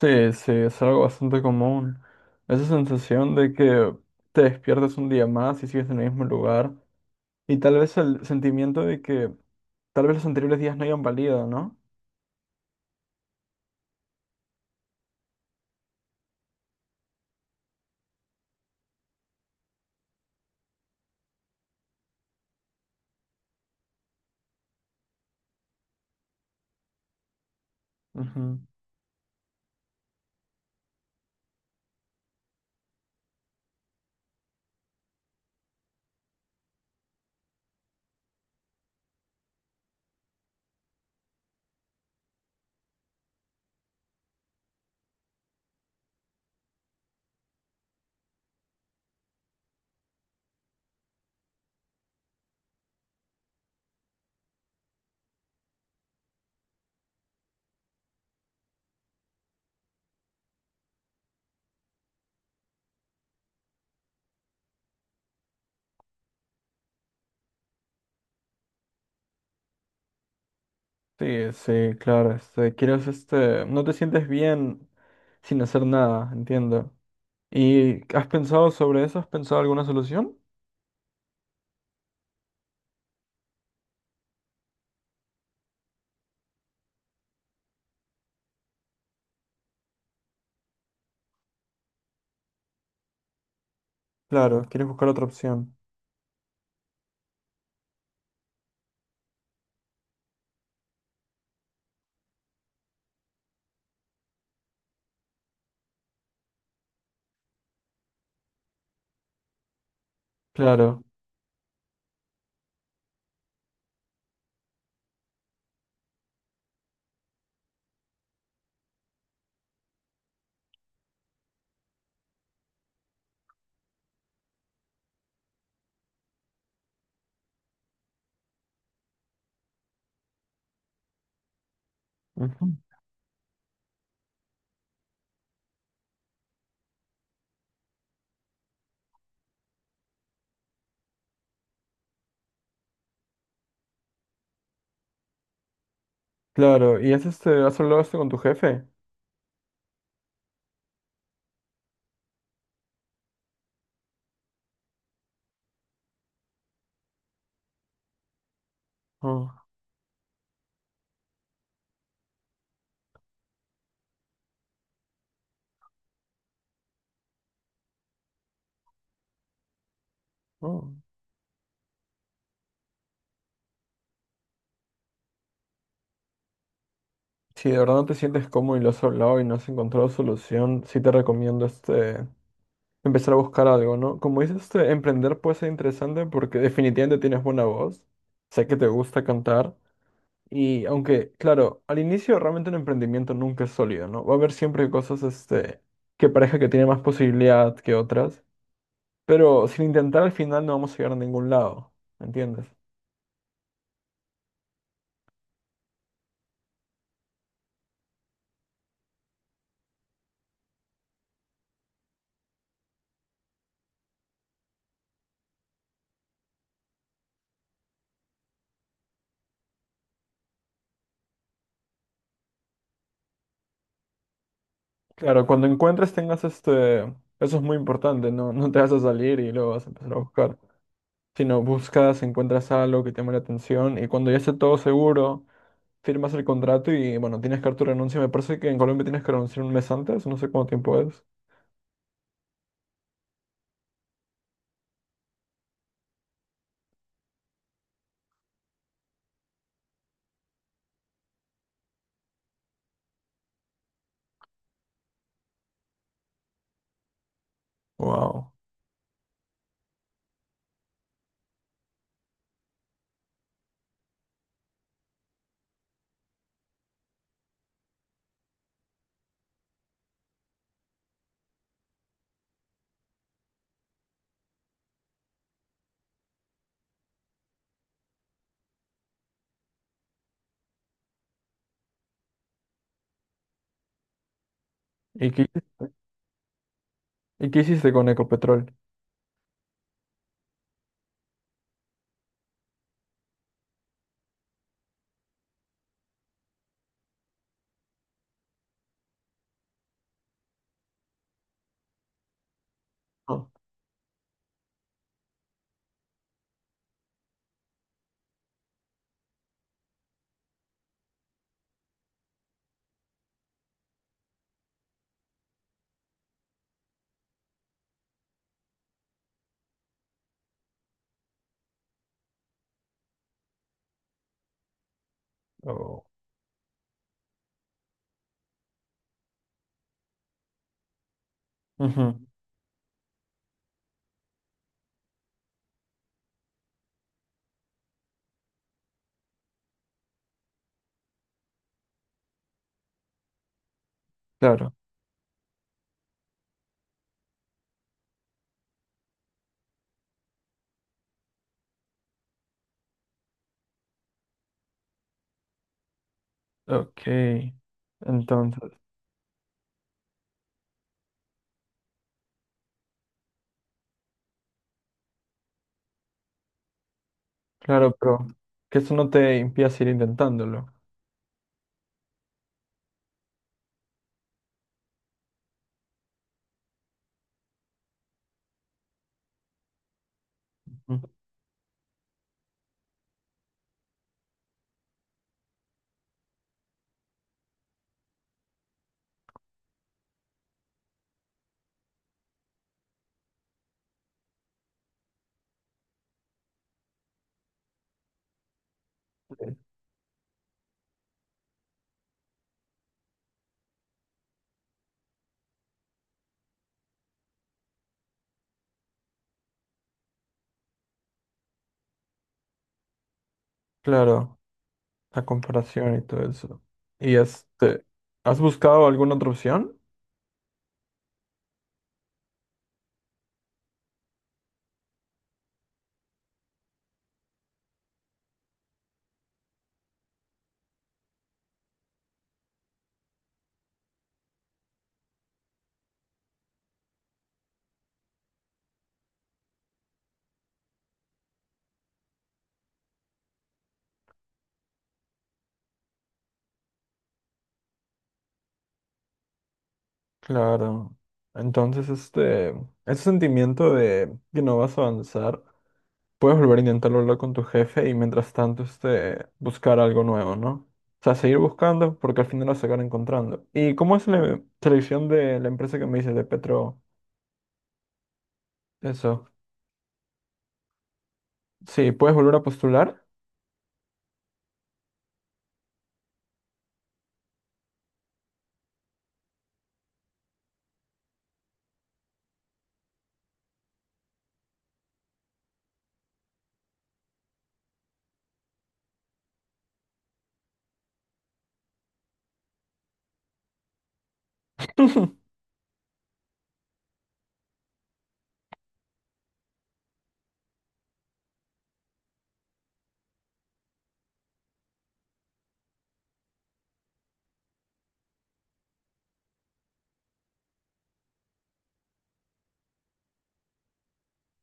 Sí, sí, es algo bastante común. Esa sensación de que te despiertas un día más y sigues en el mismo lugar. Y tal vez el sentimiento de que tal vez los anteriores días no hayan valido, ¿no? Ujú. Sí, sí, claro. Quieres, no te sientes bien sin hacer nada, entiendo. ¿Y has pensado sobre eso? ¿Has pensado alguna solución? Claro, quieres buscar otra opción. Claro. Ujú. Claro. ¿Y has hablado esto con tu jefe? Oh, oh. Si de verdad no te sientes cómodo y lo has hablado y no has encontrado solución, sí te recomiendo empezar a buscar algo, ¿no? Como dices, emprender puede ser interesante porque definitivamente tienes buena voz, sé que te gusta cantar y aunque, claro, al inicio realmente un emprendimiento nunca es sólido, ¿no? Va a haber siempre cosas que parezca que tiene más posibilidad que otras, pero sin intentar al final no vamos a llegar a ningún lado, ¿entiendes? Claro, cuando encuentres tengas eso es muy importante, ¿no? No te vas a salir y luego vas a empezar a buscar. Si no buscas, encuentras algo que te llame la atención y cuando ya esté todo seguro, firmas el contrato y bueno, tienes que dar tu renuncia. Me parece que en Colombia tienes que renunciar un mes antes, no sé cuánto tiempo es. Wow. ¿Y qué hiciste con Ecopetrol? Ah, oh, ujú, claro. Ok. Entonces, claro, pero que eso no te impida seguir intentándolo. Ujú. Claro, la comparación y todo eso. ¿Y has buscado alguna otra opción? Claro. Entonces, ese sentimiento de que no vas a avanzar, puedes volver a intentarlo hablar con tu jefe y mientras tanto, buscar algo nuevo, ¿no? O sea, seguir buscando porque al final vas a acabar encontrando. ¿Y cómo es la selección de la empresa que me dices de Petro? Eso. Sí, puedes volver a postular.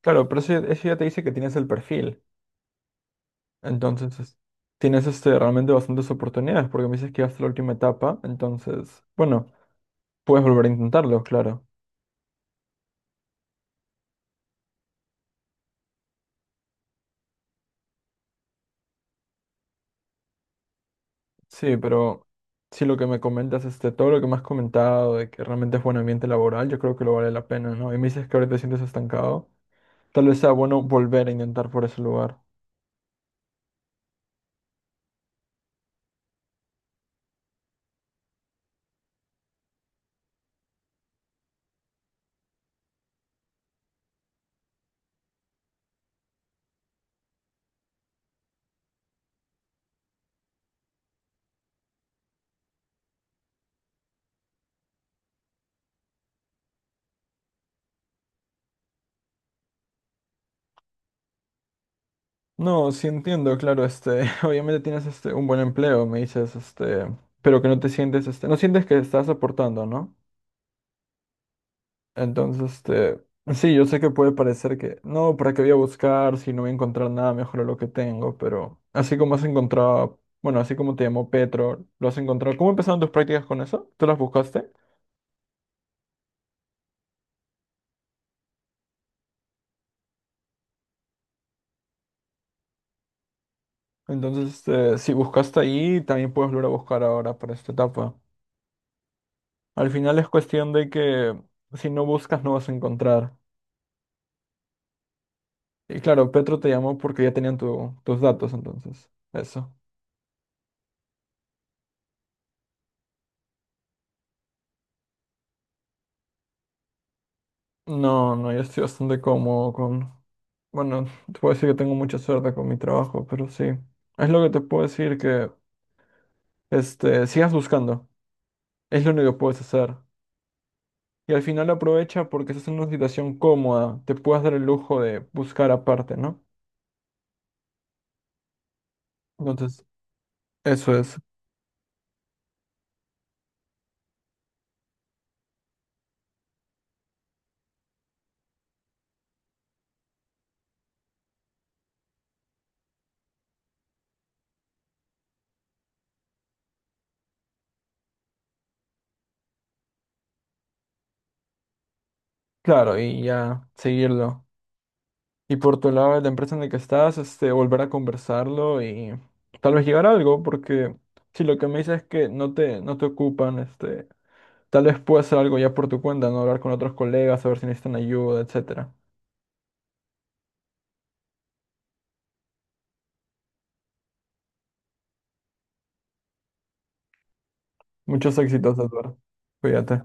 Claro, pero eso ya te dice que tienes el perfil. Entonces, tienes realmente bastantes oportunidades porque me dices que hasta la última etapa. Entonces, bueno, puedes volver a intentarlo, claro. Sí, pero sí lo que me comentas, todo lo que me has comentado de que realmente es buen ambiente laboral, yo creo que lo vale la pena, ¿no? Y me dices que ahorita te sientes estancado, tal vez sea bueno volver a intentar por ese lugar. No, sí entiendo, claro, obviamente tienes un buen empleo, me dices, pero que no sientes que estás aportando, ¿no? Entonces, sí, yo sé que puede parecer que, no, ¿para qué voy a buscar si no voy a encontrar nada mejor a lo que tengo? Pero así como has encontrado, bueno, así como te llamó Petro, lo has encontrado. ¿Cómo empezaron tus prácticas con eso? ¿Tú las buscaste? Entonces, si buscaste ahí, también puedes volver a buscar ahora para esta etapa. Al final es cuestión de que si no buscas, no vas a encontrar. Y claro, Petro te llamó porque ya tenían tus datos, entonces, eso. No, no, yo estoy bastante cómodo con... Bueno, te puedo decir que tengo mucha suerte con mi trabajo, pero sí. Es lo que te puedo decir que, sigas buscando. Es lo único que puedes hacer. Y al final aprovecha porque estás en una situación cómoda. Te puedes dar el lujo de buscar aparte, ¿no? Entonces, eso es. Claro, y ya seguirlo. Y por tu lado, la empresa en la que estás, volver a conversarlo y tal vez llegar a algo, porque si lo que me dices es que no te ocupan. Tal vez puedas hacer algo ya por tu cuenta, ¿no? Hablar con otros colegas, saber si necesitan ayuda, etcétera. Muchos éxitos, Edward. Cuídate.